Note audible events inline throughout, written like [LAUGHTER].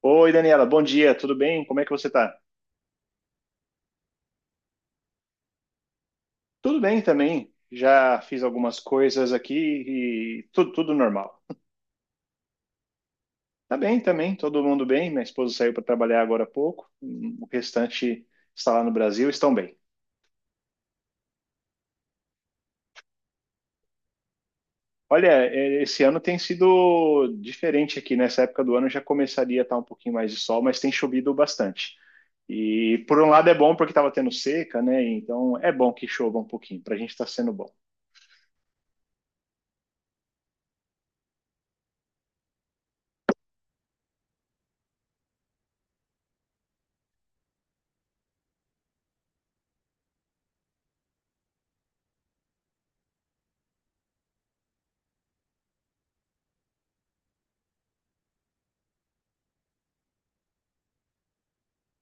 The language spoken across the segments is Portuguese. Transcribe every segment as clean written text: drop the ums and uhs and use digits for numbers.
Oi, Daniela, bom dia, tudo bem? Como é que você tá? Tudo bem também. Já fiz algumas coisas aqui e tudo normal. Tá bem também, todo mundo bem. Minha esposa saiu para trabalhar agora há pouco. O restante está lá no Brasil, estão bem. Olha, é, esse ano tem sido diferente aqui. Nessa época do ano já começaria a estar um pouquinho mais de sol, mas tem chovido bastante. E por um lado é bom porque estava tendo seca, né? Então é bom que chova um pouquinho, para a gente está sendo bom.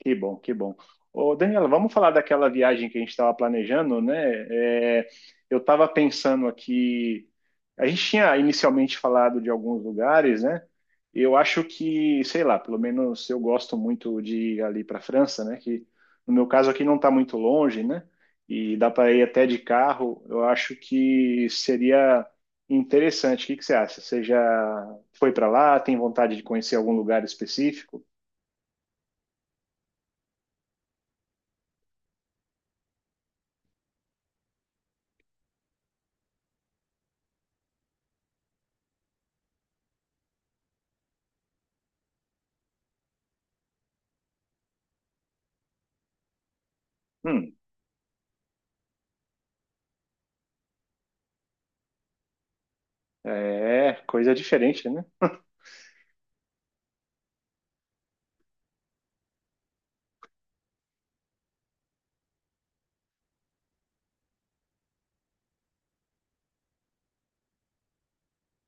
Que bom, que bom. Ô, Daniela, vamos falar daquela viagem que a gente estava planejando, né? É, eu estava pensando aqui, a gente tinha inicialmente falado de alguns lugares, né? Eu acho que, sei lá, pelo menos eu gosto muito de ir ali para a França, né? Que no meu caso aqui não está muito longe, né? E dá para ir até de carro. Eu acho que seria interessante. O que que você acha? Você já foi para lá? Tem vontade de conhecer algum lugar específico? Hum. É, coisa diferente, né? [LAUGHS]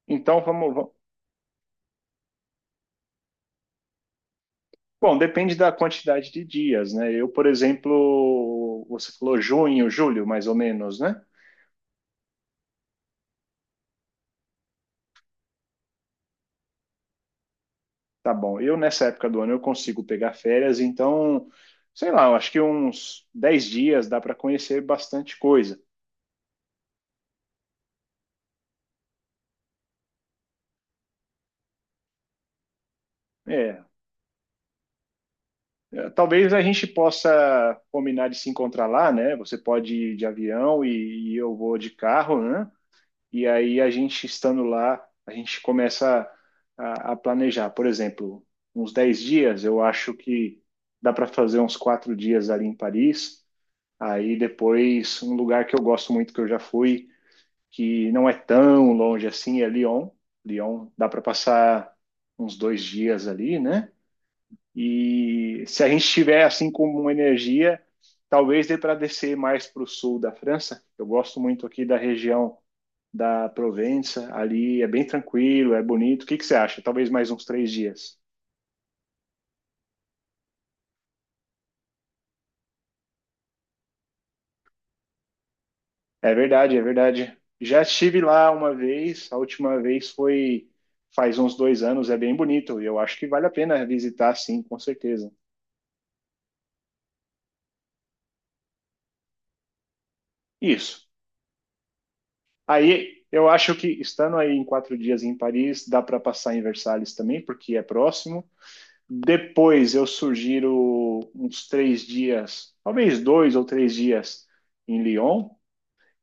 Então bom, depende da quantidade de dias, né? Eu, por exemplo, você falou junho, julho, mais ou menos, né? Tá bom. Eu, nessa época do ano, eu consigo pegar férias, então, sei lá, eu acho que uns 10 dias dá para conhecer bastante coisa. É, é, talvez a gente possa combinar de se encontrar lá, né? Você pode ir de avião e eu vou de carro, né? E aí a gente estando lá, a gente começa a planejar. Por exemplo, uns 10 dias, eu acho que dá para fazer uns 4 dias ali em Paris. Aí depois, um lugar que eu gosto muito, que eu já fui, que não é tão longe assim, é Lyon. Lyon, dá para passar uns 2 dias ali, né? E se a gente tiver assim com uma energia, talvez dê para descer mais para o sul da França. Eu gosto muito aqui da região da Provença, ali é bem tranquilo, é bonito. O que que você acha? Talvez mais uns 3 dias. É verdade, é verdade. Já estive lá uma vez, a última vez foi faz uns 2 anos, é bem bonito. E eu acho que vale a pena visitar, sim, com certeza. Isso. Aí eu acho que estando aí em 4 dias em Paris, dá para passar em Versalhes também, porque é próximo. Depois eu sugiro uns 3 dias, talvez 2 ou 3 dias em Lyon.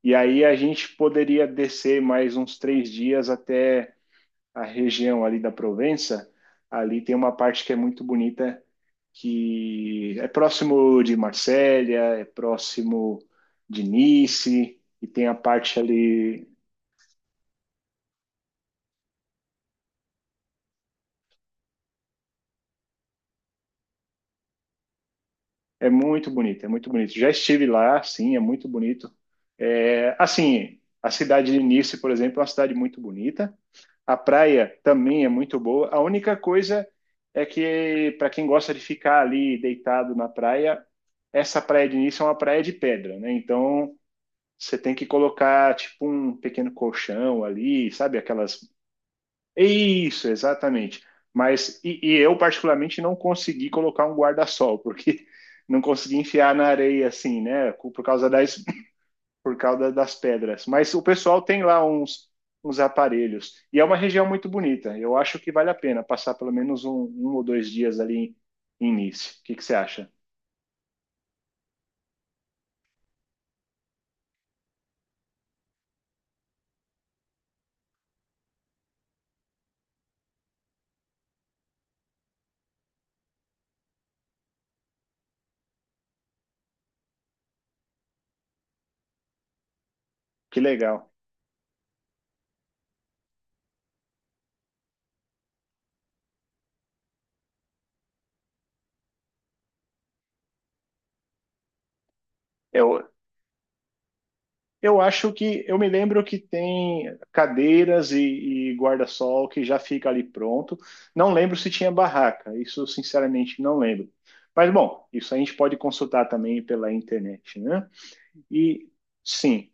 E aí a gente poderia descer mais uns 3 dias até a região ali da Provença. Ali tem uma parte que é muito bonita, que é próximo de Marselha, é próximo de Nice, e tem a parte ali. É muito bonito, é muito bonito. Já estive lá, sim, é muito bonito. É, assim, a cidade de Nice, por exemplo, é uma cidade muito bonita. A praia também é muito boa. A única coisa é que, para quem gosta de ficar ali deitado na praia, essa praia de início é uma praia de pedra, né? Então você tem que colocar tipo um pequeno colchão ali, sabe? Aquelas. Isso, exatamente. Mas e eu, particularmente, não consegui colocar um guarda-sol, porque [LAUGHS] não consegui enfiar na areia assim, né? Por causa das pedras. Mas o pessoal tem lá uns aparelhos. E é uma região muito bonita. Eu acho que vale a pena passar pelo menos um ou dois dias ali em Nice. O que você acha? Que legal. Eu, eu acho que. Eu me lembro que tem cadeiras e guarda-sol que já fica ali pronto. Não lembro se tinha barraca. Isso, sinceramente, não lembro. Mas, bom, isso a gente pode consultar também pela internet, né? E, sim,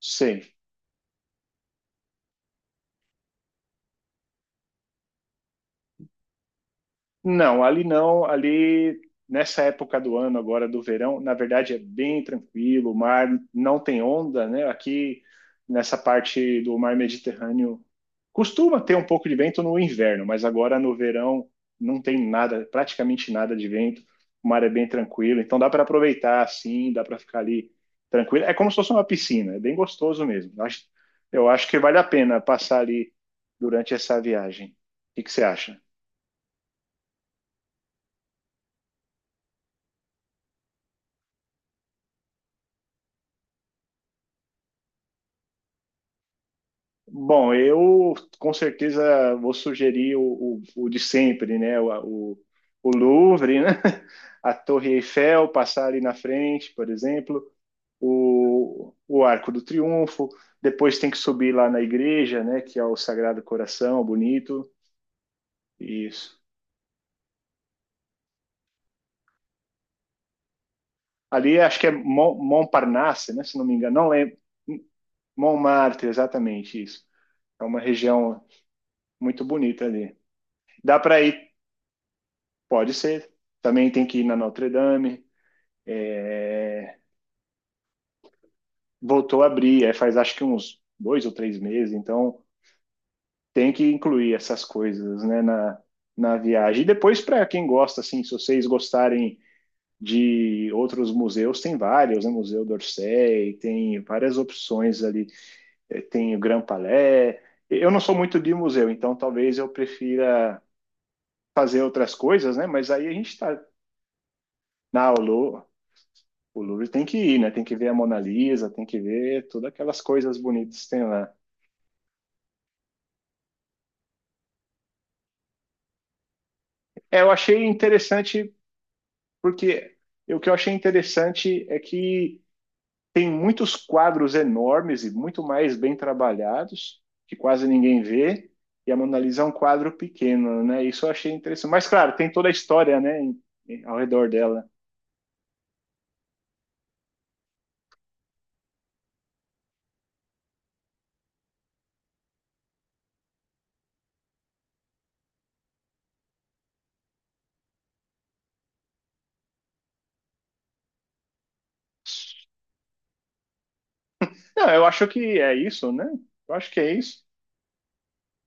sei. Não, ali não, ali nessa época do ano agora do verão, na verdade é bem tranquilo, o mar não tem onda, né? Aqui nessa parte do mar Mediterrâneo costuma ter um pouco de vento no inverno, mas agora no verão não tem nada, praticamente nada de vento. O mar é bem tranquilo, então dá para aproveitar assim, dá para ficar ali tranquilo. É como se fosse uma piscina, é bem gostoso mesmo. Eu acho que vale a pena passar ali durante essa viagem. O que que você acha? Bom, eu com certeza vou sugerir o de sempre, né? O, o Louvre, né? [LAUGHS] A Torre Eiffel, passar ali na frente, por exemplo, o Arco do Triunfo. Depois tem que subir lá na igreja, né? Que é o Sagrado Coração, bonito. Isso. Ali acho que é Montparnasse, né? Se não me engano, não lembro. Montmartre, exatamente isso. É uma região muito bonita ali. Dá para ir, pode ser. Também tem que ir na Notre Dame. Voltou a abrir, é, faz acho que uns 2 ou 3 meses, então tem que incluir essas coisas, né, na viagem. E depois, para quem gosta, assim, se vocês gostarem de outros museus, tem vários, né, Museu d'Orsay, tem várias opções ali, tem o Grand Palais. Eu não sou muito de museu, então talvez eu prefira fazer outras coisas, né, mas aí a gente está na o Lou- o Louvre tem que ir, né? Tem que ver a Mona Lisa, tem que ver todas aquelas coisas bonitas que tem lá. É, eu achei interessante, porque o que eu achei interessante é que tem muitos quadros enormes e muito mais bem trabalhados, que quase ninguém vê, e a Mona Lisa é um quadro pequeno, né? Isso eu achei interessante. Mas, claro, tem toda a história, né, ao redor dela. Não, eu acho que é isso, né? Eu acho que é isso.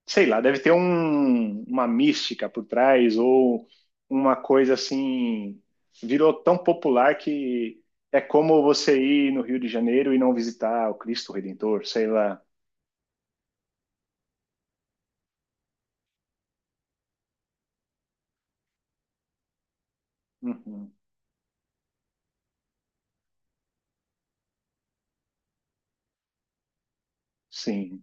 Sei lá, deve ter uma mística por trás ou uma coisa assim, virou tão popular que é como você ir no Rio de Janeiro e não visitar o Cristo Redentor, sei lá. Uhum, sim.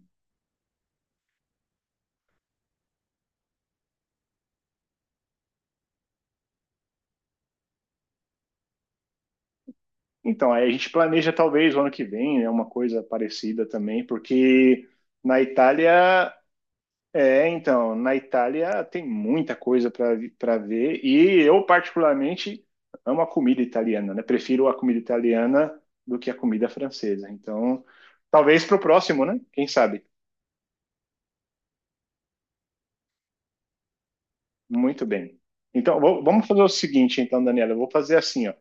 Então, aí a gente planeja talvez o ano que vem, né, uma coisa parecida também, porque na Itália é, então, na Itália tem muita coisa para ver e eu particularmente amo a comida italiana, né? Prefiro a comida italiana do que a comida francesa. Então, talvez para o próximo, né? Quem sabe? Muito bem. Então, vamos fazer o seguinte, então, Daniela, eu vou fazer assim, ó.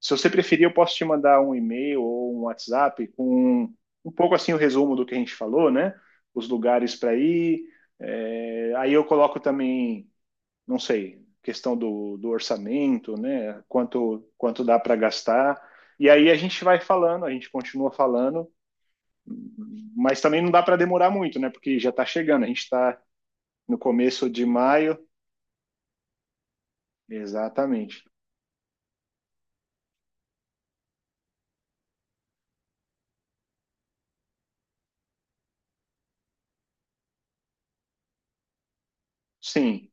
Se você preferir, eu posso te mandar um e-mail ou um WhatsApp com um pouco assim o resumo do que a gente falou, né? Os lugares para ir. É, aí eu coloco também não sei, questão do orçamento, né? Quanto dá para gastar. E aí a gente vai falando, a gente continua falando, mas também não dá para demorar muito, né? Porque já está chegando, a gente está no começo de maio, exatamente. Sim,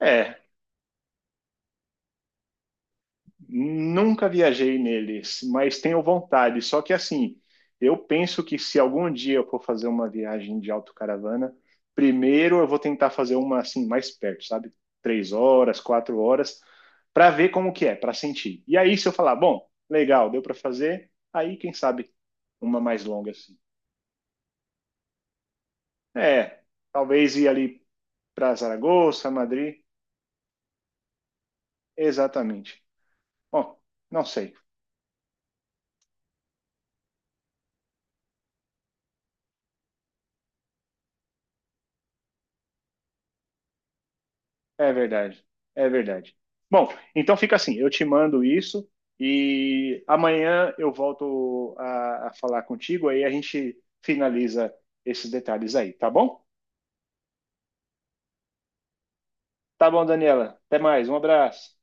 é, nunca viajei neles, mas tenho vontade. Só que assim, eu penso que se algum dia eu for fazer uma viagem de autocaravana, primeiro eu vou tentar fazer uma assim mais perto, sabe? 3 horas, 4 horas, para ver como que é, para sentir. E aí, se eu falar, bom, legal, deu para fazer, aí quem sabe uma mais longa assim. É, talvez ir ali para Zaragoza, Madrid, exatamente. Bom, não sei. É verdade, é verdade. Bom, então fica assim, eu te mando isso e amanhã eu volto a falar contigo, aí a gente finaliza esses detalhes aí, tá bom? Tá bom, Daniela. Até mais, um abraço.